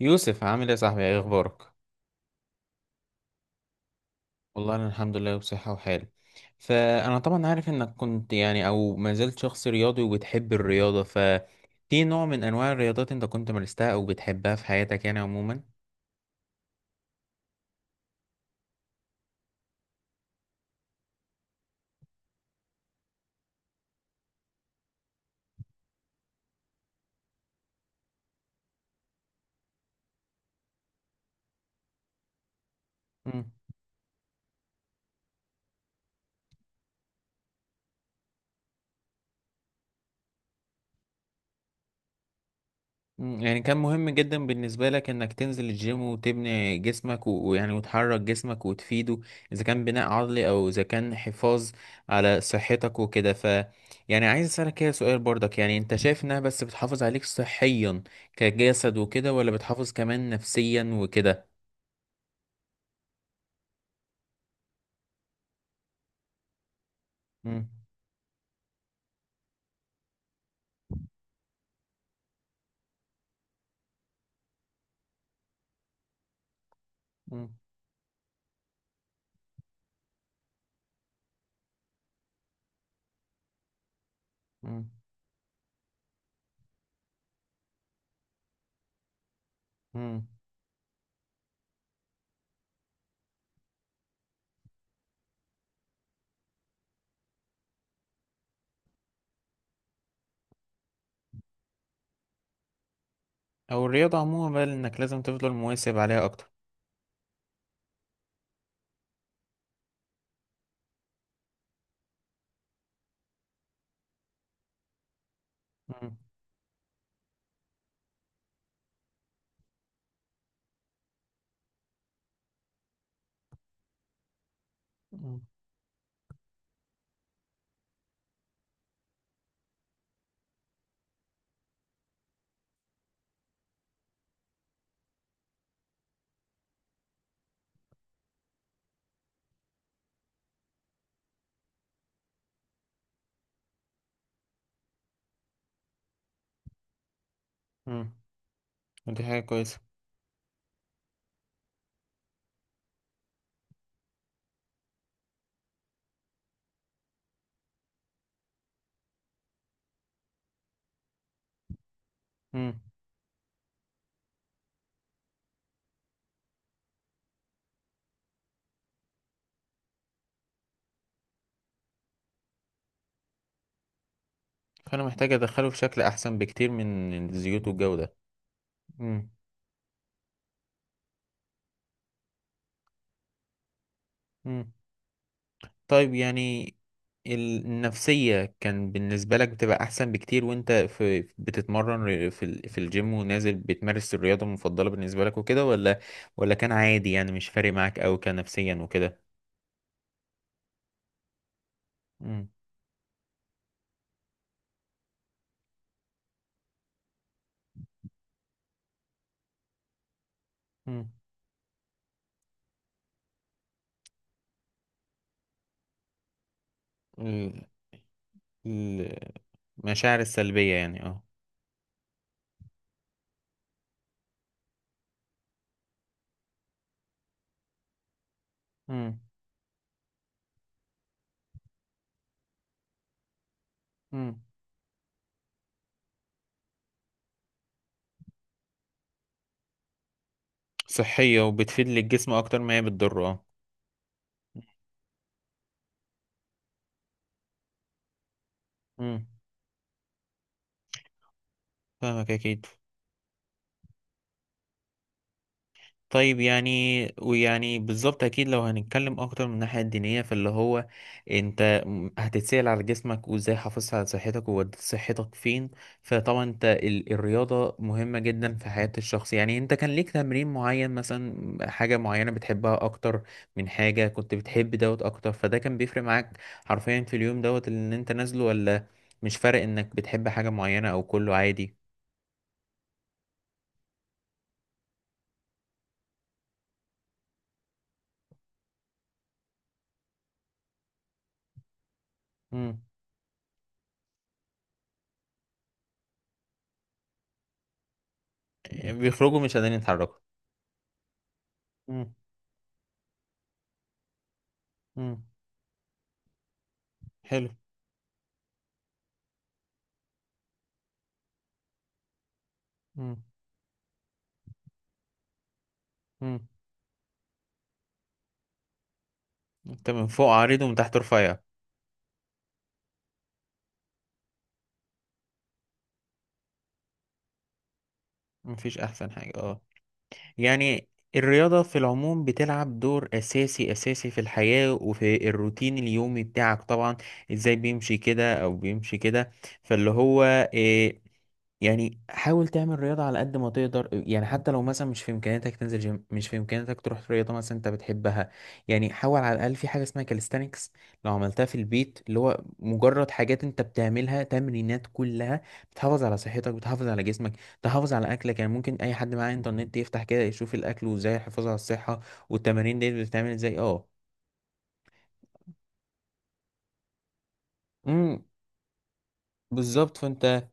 يوسف، عامل ايه يا صاحبي؟ ايه اخبارك؟ والله انا الحمد لله بصحة وحال. فانا طبعا عارف انك كنت يعني او ما زلت شخص رياضي وبتحب الرياضة. ففي نوع من انواع الرياضات انت كنت مارستها او بتحبها في حياتك يعني عموما؟ مم. يعني كان مهم جدا بالنسبة لك انك تنزل الجيم وتبني جسمك ويعني وتحرك جسمك وتفيده، اذا كان بناء عضلي او اذا كان حفاظ على صحتك وكده. يعني عايز اسألك كده سؤال برضك، يعني انت شايف انها بس بتحافظ عليك صحيا كجسد وكده، ولا بتحافظ كمان نفسيا وكده؟ مم. مم. مم. مم. او الرياضة عموما بقى، انك لازم تفضل مواظب عليها اكتر. مم. مم. مم. ودي حاجة كويسة. مم. فأنا محتاج أدخله في شكل أحسن بكتير من الزيوت والجو ده. مم. مم. طيب، يعني النفسية كان بالنسبة لك بتبقى أحسن بكتير وأنت في بتتمرن في الجيم ونازل بتمارس الرياضة المفضلة بالنسبة لك وكده، ولا كان عادي يعني مش فارق معاك أوي كنفسيا وكده؟ مم. مم. ال- ال- المشاعر السلبية يعني، اه. مم. مم. صحية وبتفيد للجسم أكتر ما هي بتضره، اه. مم. فاهمك أكيد. طيب، يعني ويعني بالظبط اكيد لو هنتكلم اكتر من الناحيه الدينيه فاللي هو انت هتتسال على جسمك وازاي حافظت على صحتك ووديت صحتك فين. فطبعا انت الرياضه مهمه جدا في حياه الشخص. يعني انت كان ليك تمرين معين مثلا، حاجه معينه بتحبها اكتر من حاجه كنت بتحب دوت اكتر، فده كان بيفرق معاك حرفيا في اليوم دوت اللي انت نازله؟ ولا مش فارق انك بتحب حاجه معينه او كله عادي؟ مم. بيخرجوا مش قادرين يتحركوا. مم. مم. حلو. مم. مم. انت من فوق عريض ومن تحت رفيع. مفيش احسن حاجة، اه. يعني الرياضة في العموم بتلعب دور أساسي أساسي في الحياة وفي الروتين اليومي بتاعك طبعا. إزاي بيمشي كده أو بيمشي كده؟ فاللي هو، آه، يعني حاول تعمل رياضة على قد ما تقدر. يعني حتى لو مثلا مش في إمكانياتك تنزل جيم، مش في إمكانياتك تروح في رياضة مثلا أنت بتحبها، يعني حاول على الأقل في حاجة اسمها كاليستانكس، لو عملتها في البيت اللي هو مجرد حاجات أنت بتعملها، تمرينات كلها بتحافظ على صحتك، بتحافظ على جسمك، تحافظ على أكلك. يعني ممكن أي حد معاه إنترنت يفتح كده يشوف الأكل، وإزاي الحفاظ على الصحة والتمارين دي بتتعمل إزاي، أه. امم. بالظبط. فأنت،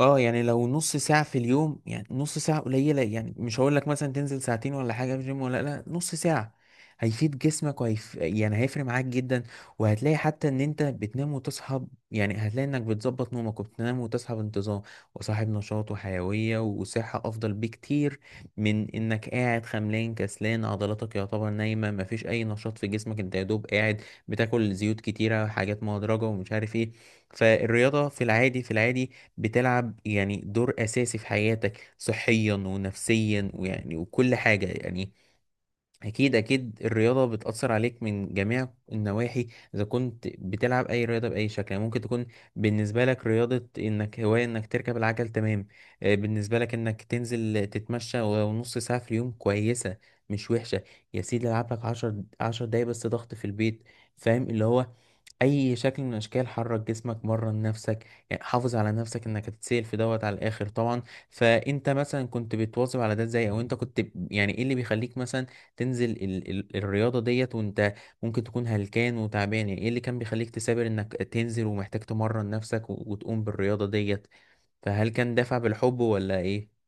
اه، يعني لو نص ساعة في اليوم، يعني نص ساعة قليلة، يعني مش هقول لك مثلا تنزل ساعتين ولا حاجة في الجيم، ولا لا، نص ساعة هيفيد جسمك، يعني هيفرق معاك جدا. وهتلاقي حتى ان انت بتنام وتصحى يعني هتلاقي انك بتظبط نومك وبتنام وتصحى بانتظام، وصاحب نشاط وحيوية وصحة افضل بكتير من انك قاعد خملان كسلان، عضلاتك يعتبر نايمة، مفيش اي نشاط في جسمك، انت يا دوب قاعد بتاكل زيوت كتيرة، حاجات مهدرجة ومش عارف ايه. فالرياضة في العادي بتلعب يعني دور أساسي في حياتك صحيا ونفسيا ويعني وكل حاجة يعني. أكيد أكيد الرياضة بتأثر عليك من جميع النواحي. إذا كنت بتلعب أي رياضة بأي شكل، يعني ممكن تكون بالنسبة لك رياضة إنك هواية، إنك تركب العجل، تمام. بالنسبة لك إنك تنزل تتمشى ولو نص ساعة في اليوم، كويسة، مش وحشة. يا سيدي العب لك عشر 10 دقايق بس ضغط في البيت. فاهم؟ اللي هو اي شكل من اشكال، حرك جسمك، مرن نفسك، يعني حافظ على نفسك، انك هتتسال في دوت على الاخر طبعا. فانت مثلا كنت بتواظب على ده ازاي؟ او انت كنت يعني ايه اللي بيخليك مثلا تنزل ال ال الرياضه ديت وانت ممكن تكون هلكان وتعبان؟ يعني ايه اللي كان بيخليك تثابر انك تنزل ومحتاج تمرن نفسك وتقوم بالرياضه ديت؟ فهل كان دافع بالحب ولا ايه؟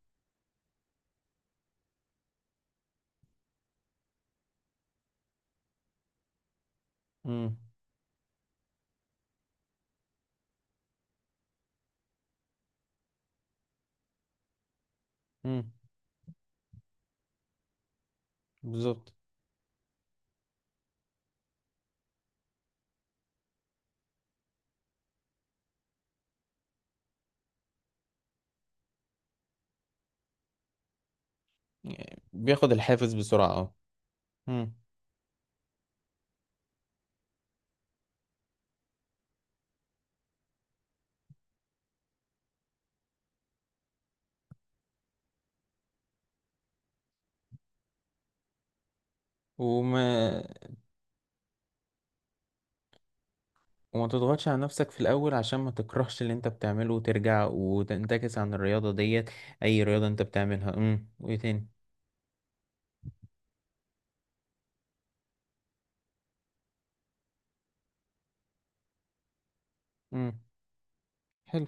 امم. امم. بالظبط. يعني بياخد الحافز بسرعة، اه. امم. وما وما تضغطش على نفسك في الأول، عشان ما تكرهش اللي انت بتعمله وترجع وتنتكس عن الرياضة ديت، أي رياضة انت بتعملها. امم. وإيه تاني؟ امم. حلو.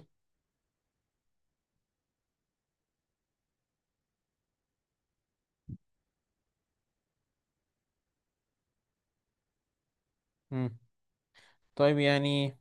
امم. طيب، يعني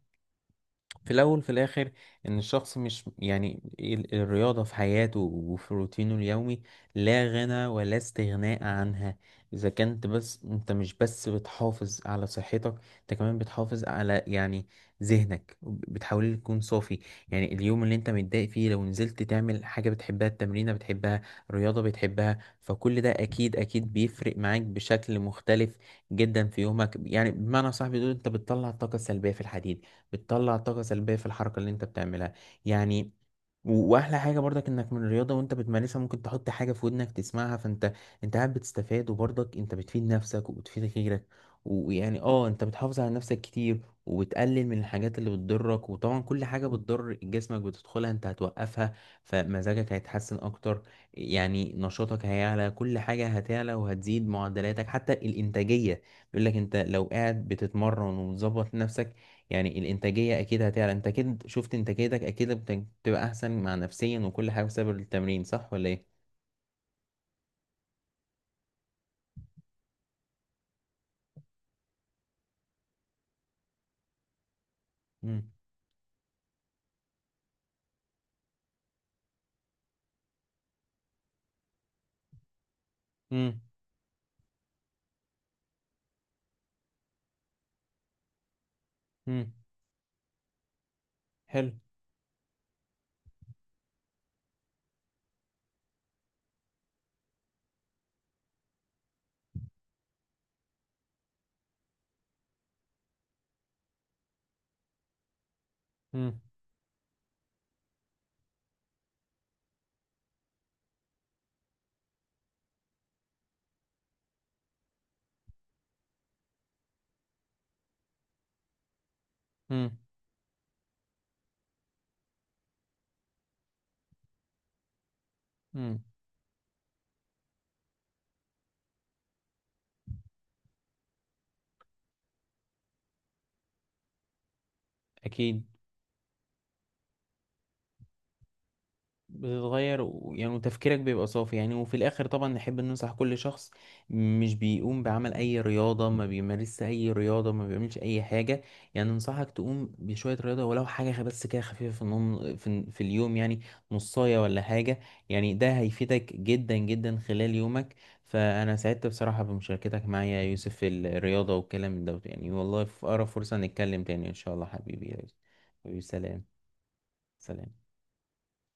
في الأول في الآخر، إن الشخص مش يعني الرياضة في حياته وفي روتينه اليومي لا غنى ولا استغناء عنها. إذا كنت، بس أنت مش بس بتحافظ على صحتك، أنت كمان بتحافظ على يعني ذهنك، بتحاول تكون صافي. يعني اليوم اللي أنت متضايق فيه، لو نزلت تعمل حاجة بتحبها، التمرينة بتحبها، الرياضة بتحبها، فكل ده أكيد أكيد بيفرق معاك بشكل مختلف جدا في يومك. يعني بمعنى صح بيقول، أنت بتطلع الطاقة السلبية في الحديد، بتطلع طاقة سلبية في الحركة اللي انت بتعملها. يعني واحلى حاجة برضك انك من الرياضة وانت بتمارسها، ممكن تحط حاجة في ودنك تسمعها. انت قاعد بتستفاد، وبرضك انت بتفيد نفسك وبتفيد غيرك. ويعني، اه، انت بتحافظ على نفسك كتير، وبتقلل من الحاجات اللي بتضرك. وطبعا كل حاجة بتضر جسمك بتدخلها انت هتوقفها، فمزاجك هيتحسن اكتر. يعني نشاطك هيعلى، كل حاجة هتعلى وهتزيد معدلاتك حتى الانتاجية. بيقول لك انت لو قاعد بتتمرن ومظبط نفسك، يعني الانتاجيه اكيد هتعلى. انت اكيد شفت انتاجيتك اكيد بتبقى احسن مع نفسيا وكل حاجه بسبب التمرين، صح ولا ايه؟ امم. امم. امم. حلو. امم. امم. امم. اكيد. بتتغير، ويعني وتفكيرك بيبقى صافي. يعني وفي الاخر طبعا نحب ننصح كل شخص مش بيقوم بعمل اي رياضة، ما بيمارسش اي رياضة، ما بيعملش اي حاجة، يعني ننصحك تقوم بشوية رياضة، ولو حاجة بس كده خفيفة في النوم، في اليوم، يعني نصاية ولا حاجة. يعني ده هيفيدك جدا جدا خلال يومك. فانا سعدت بصراحة بمشاركتك معايا يا يوسف في الرياضة والكلام دوت، يعني والله في اقرب فرصة نتكلم تاني ان شاء الله. حبيبي يا يوسف. حبيبي، سلام. سلام.